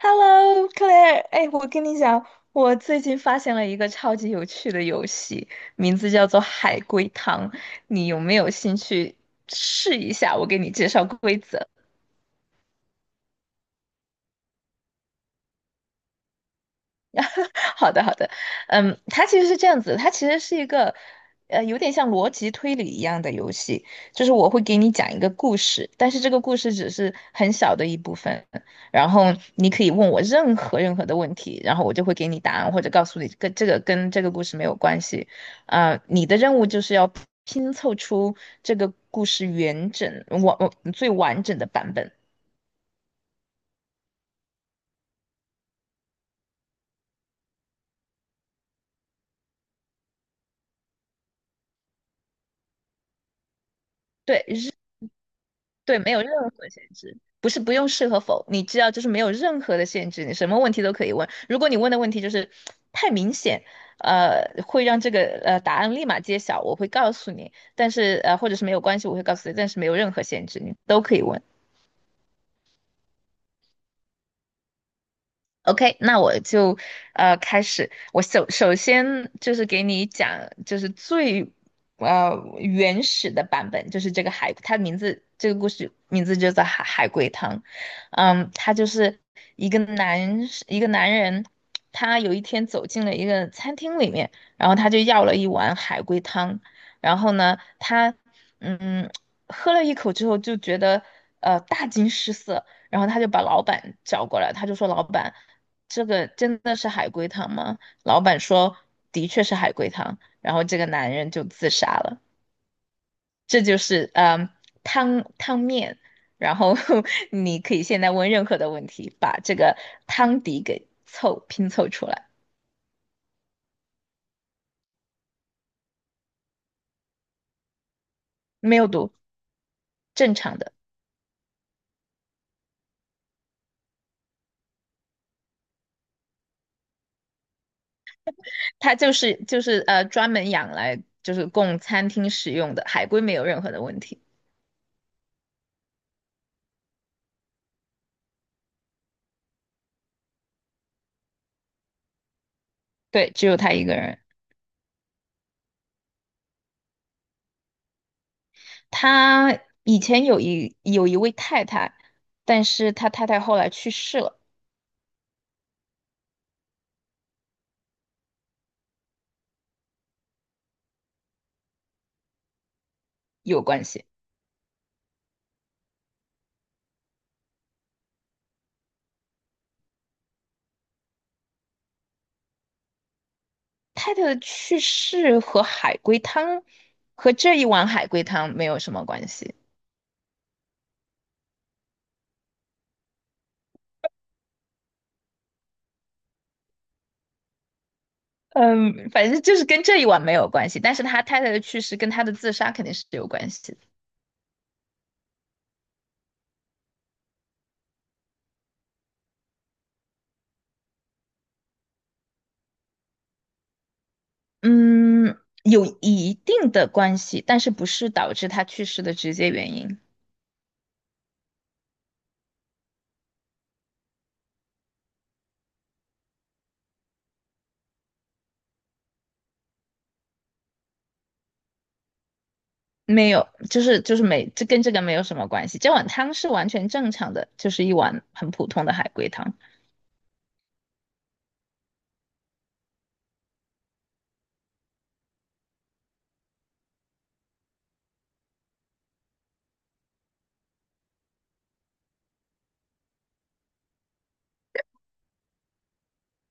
Hello，Claire，哎，我跟你讲，我最近发现了一个超级有趣的游戏，名字叫做海龟汤，你有没有兴趣试一下？我给你介绍规则。好的，好的，它其实是这样子，它其实是一个，有点像逻辑推理一样的游戏，就是我会给你讲一个故事，但是这个故事只是很小的一部分，然后你可以问我任何的问题，然后我就会给你答案，或者告诉你跟这个故事没有关系，啊、你的任务就是要拼凑出这个故事完整完最完整的版本。对，对，没有任何限制，不是不用是和否，你知道，就是没有任何的限制，你什么问题都可以问。如果你问的问题就是太明显，会让这个答案立马揭晓，我会告诉你。但是或者是没有关系，我会告诉你，但是没有任何限制，你都可以问。OK，那我就开始。我首先就是给你讲，就是最原始的版本，就是这个海，它名字这个故事名字就叫海龟汤。它就是一个男一个男人，他有一天走进了一个餐厅里面，然后他就要了一碗海龟汤，然后呢，他嗯喝了一口之后就觉得大惊失色，然后他就把老板叫过来，他就说老板。这个真的是海龟汤吗？老板说的确是海龟汤，然后这个男人就自杀了。这就是汤面，然后 你可以现在问任何的问题，把这个汤底给拼凑出来，没有毒，正常的。它就是专门养来就是供餐厅使用的，海龟没有任何的问题，对，只有他一个人。他以前有一位太太，但是他太太后来去世了。有关系。太太的去世和这一碗海龟汤没有什么关系。嗯，反正就是跟这一碗没有关系，但是他太太的去世跟他的自杀肯定是有关系的。嗯，有一定的关系，但是不是导致他去世的直接原因。没有，就是就是没，这跟这个没有什么关系。这碗汤是完全正常的，就是一碗很普通的海龟汤。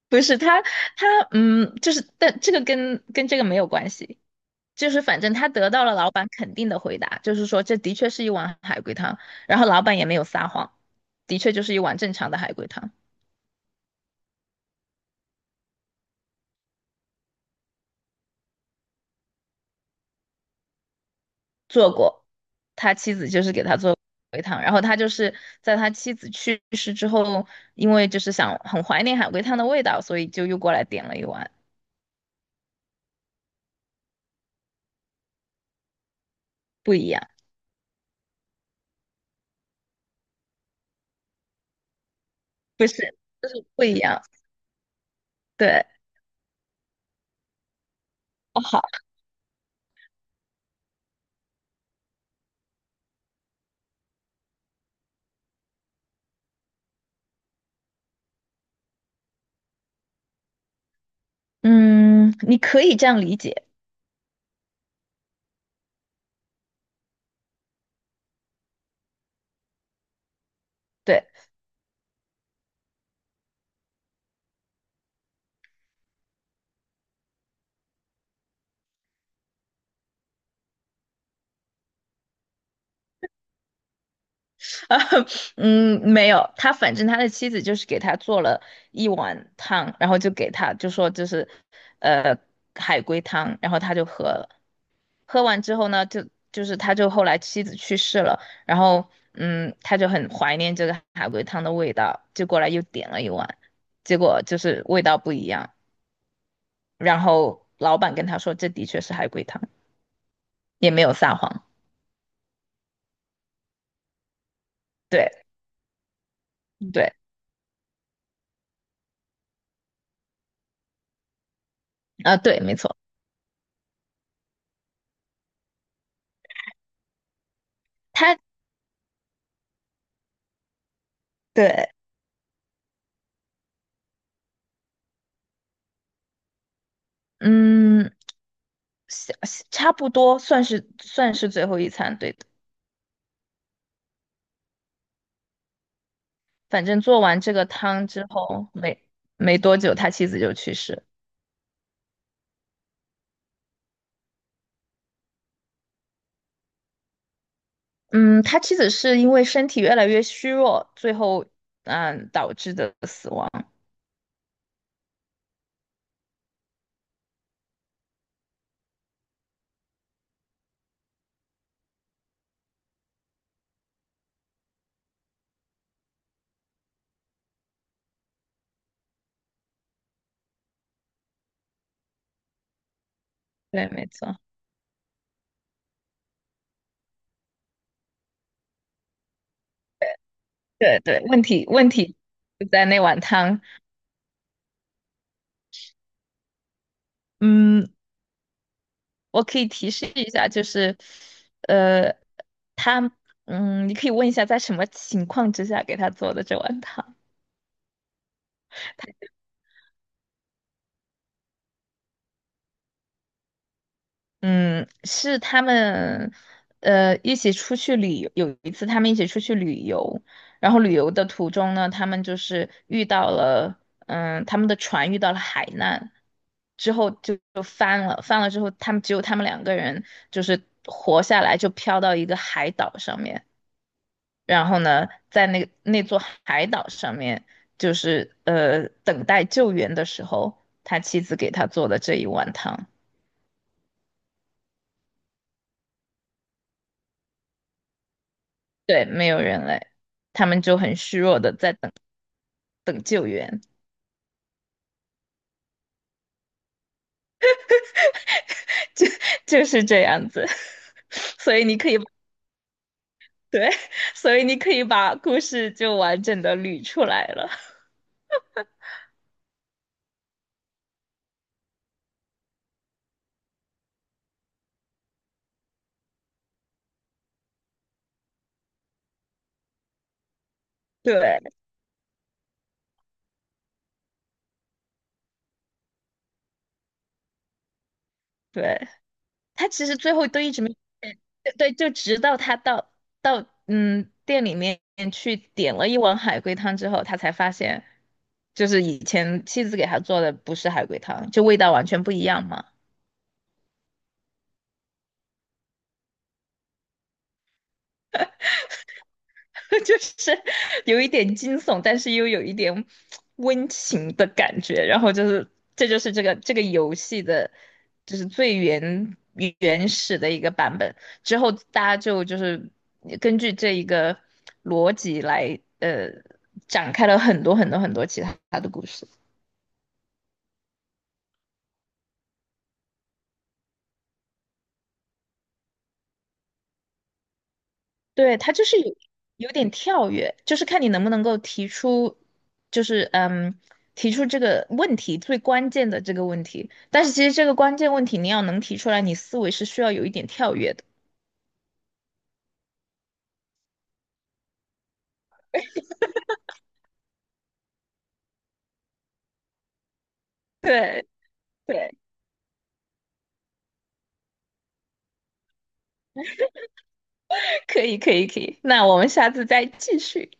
不是他，就是但这个跟这个没有关系。就是反正他得到了老板肯定的回答，就是说这的确是一碗海龟汤，然后老板也没有撒谎，的确就是一碗正常的海龟汤，做过，他妻子就是给他做海龟汤，然后他就是在他妻子去世之后，因为就是想很怀念海龟汤的味道，所以就又过来点了一碗，不一样，不是，就是不一样，对，哦好，嗯，你可以这样理解，对，啊，嗯，没有，反正他的妻子就是给他做了一碗汤，然后就给他就说就是，呃，海龟汤，然后他就喝了。喝完之后呢，就是他就后来妻子去世了，然后他就很怀念这个海龟汤的味道，就过来又点了一碗，结果就是味道不一样。然后老板跟他说，这的确是海龟汤，也没有撒谎。对对，啊，对，没错，他对。嗯，下差不多算是最后一餐，对的。反正做完这个汤之后，没多久，他妻子就去世。嗯，他妻子是因为身体越来越虚弱，最后导致的死亡。对，没错，对对，问题就在那碗汤。嗯，我可以提示一下，就是呃，他你可以问一下在什么情况之下给他做的这碗汤。嗯，是他们，一起出去旅游。有一次，他们一起出去旅游，然后旅游的途中呢，他们就是遇到了，他们的船遇到了海难，之后就翻了，翻了之后，只有他们两个人就是活下来，就飘到一个海岛上面。然后呢，在那座海岛上面，就是等待救援的时候，他妻子给他做的这一碗汤。对，没有人类，他们就很虚弱的在等救援，就就是这样子。所以你可以，对，所以你可以把故事就完整的捋出来了。对对，他其实最后都一直没，对，就直到他到店里面去点了一碗海龟汤之后，他才发现，就是以前妻子给他做的不是海龟汤，就味道完全不一样嘛。就是有一点惊悚，但是又有一点温情的感觉。然后就是，这就是这个游戏的，就是最原始的一个版本。之后大家就是根据这一个逻辑来，展开了很多很多很多其他的故事。对，它就是有点跳跃，就是看你能不能够提出，就是提出这个问题最关键的这个问题。但是其实这个关键问题你要能提出来，你思维是需要有一点跳跃的。对对，可以可以可以，那我们下次再继续。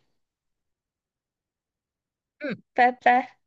嗯，拜拜。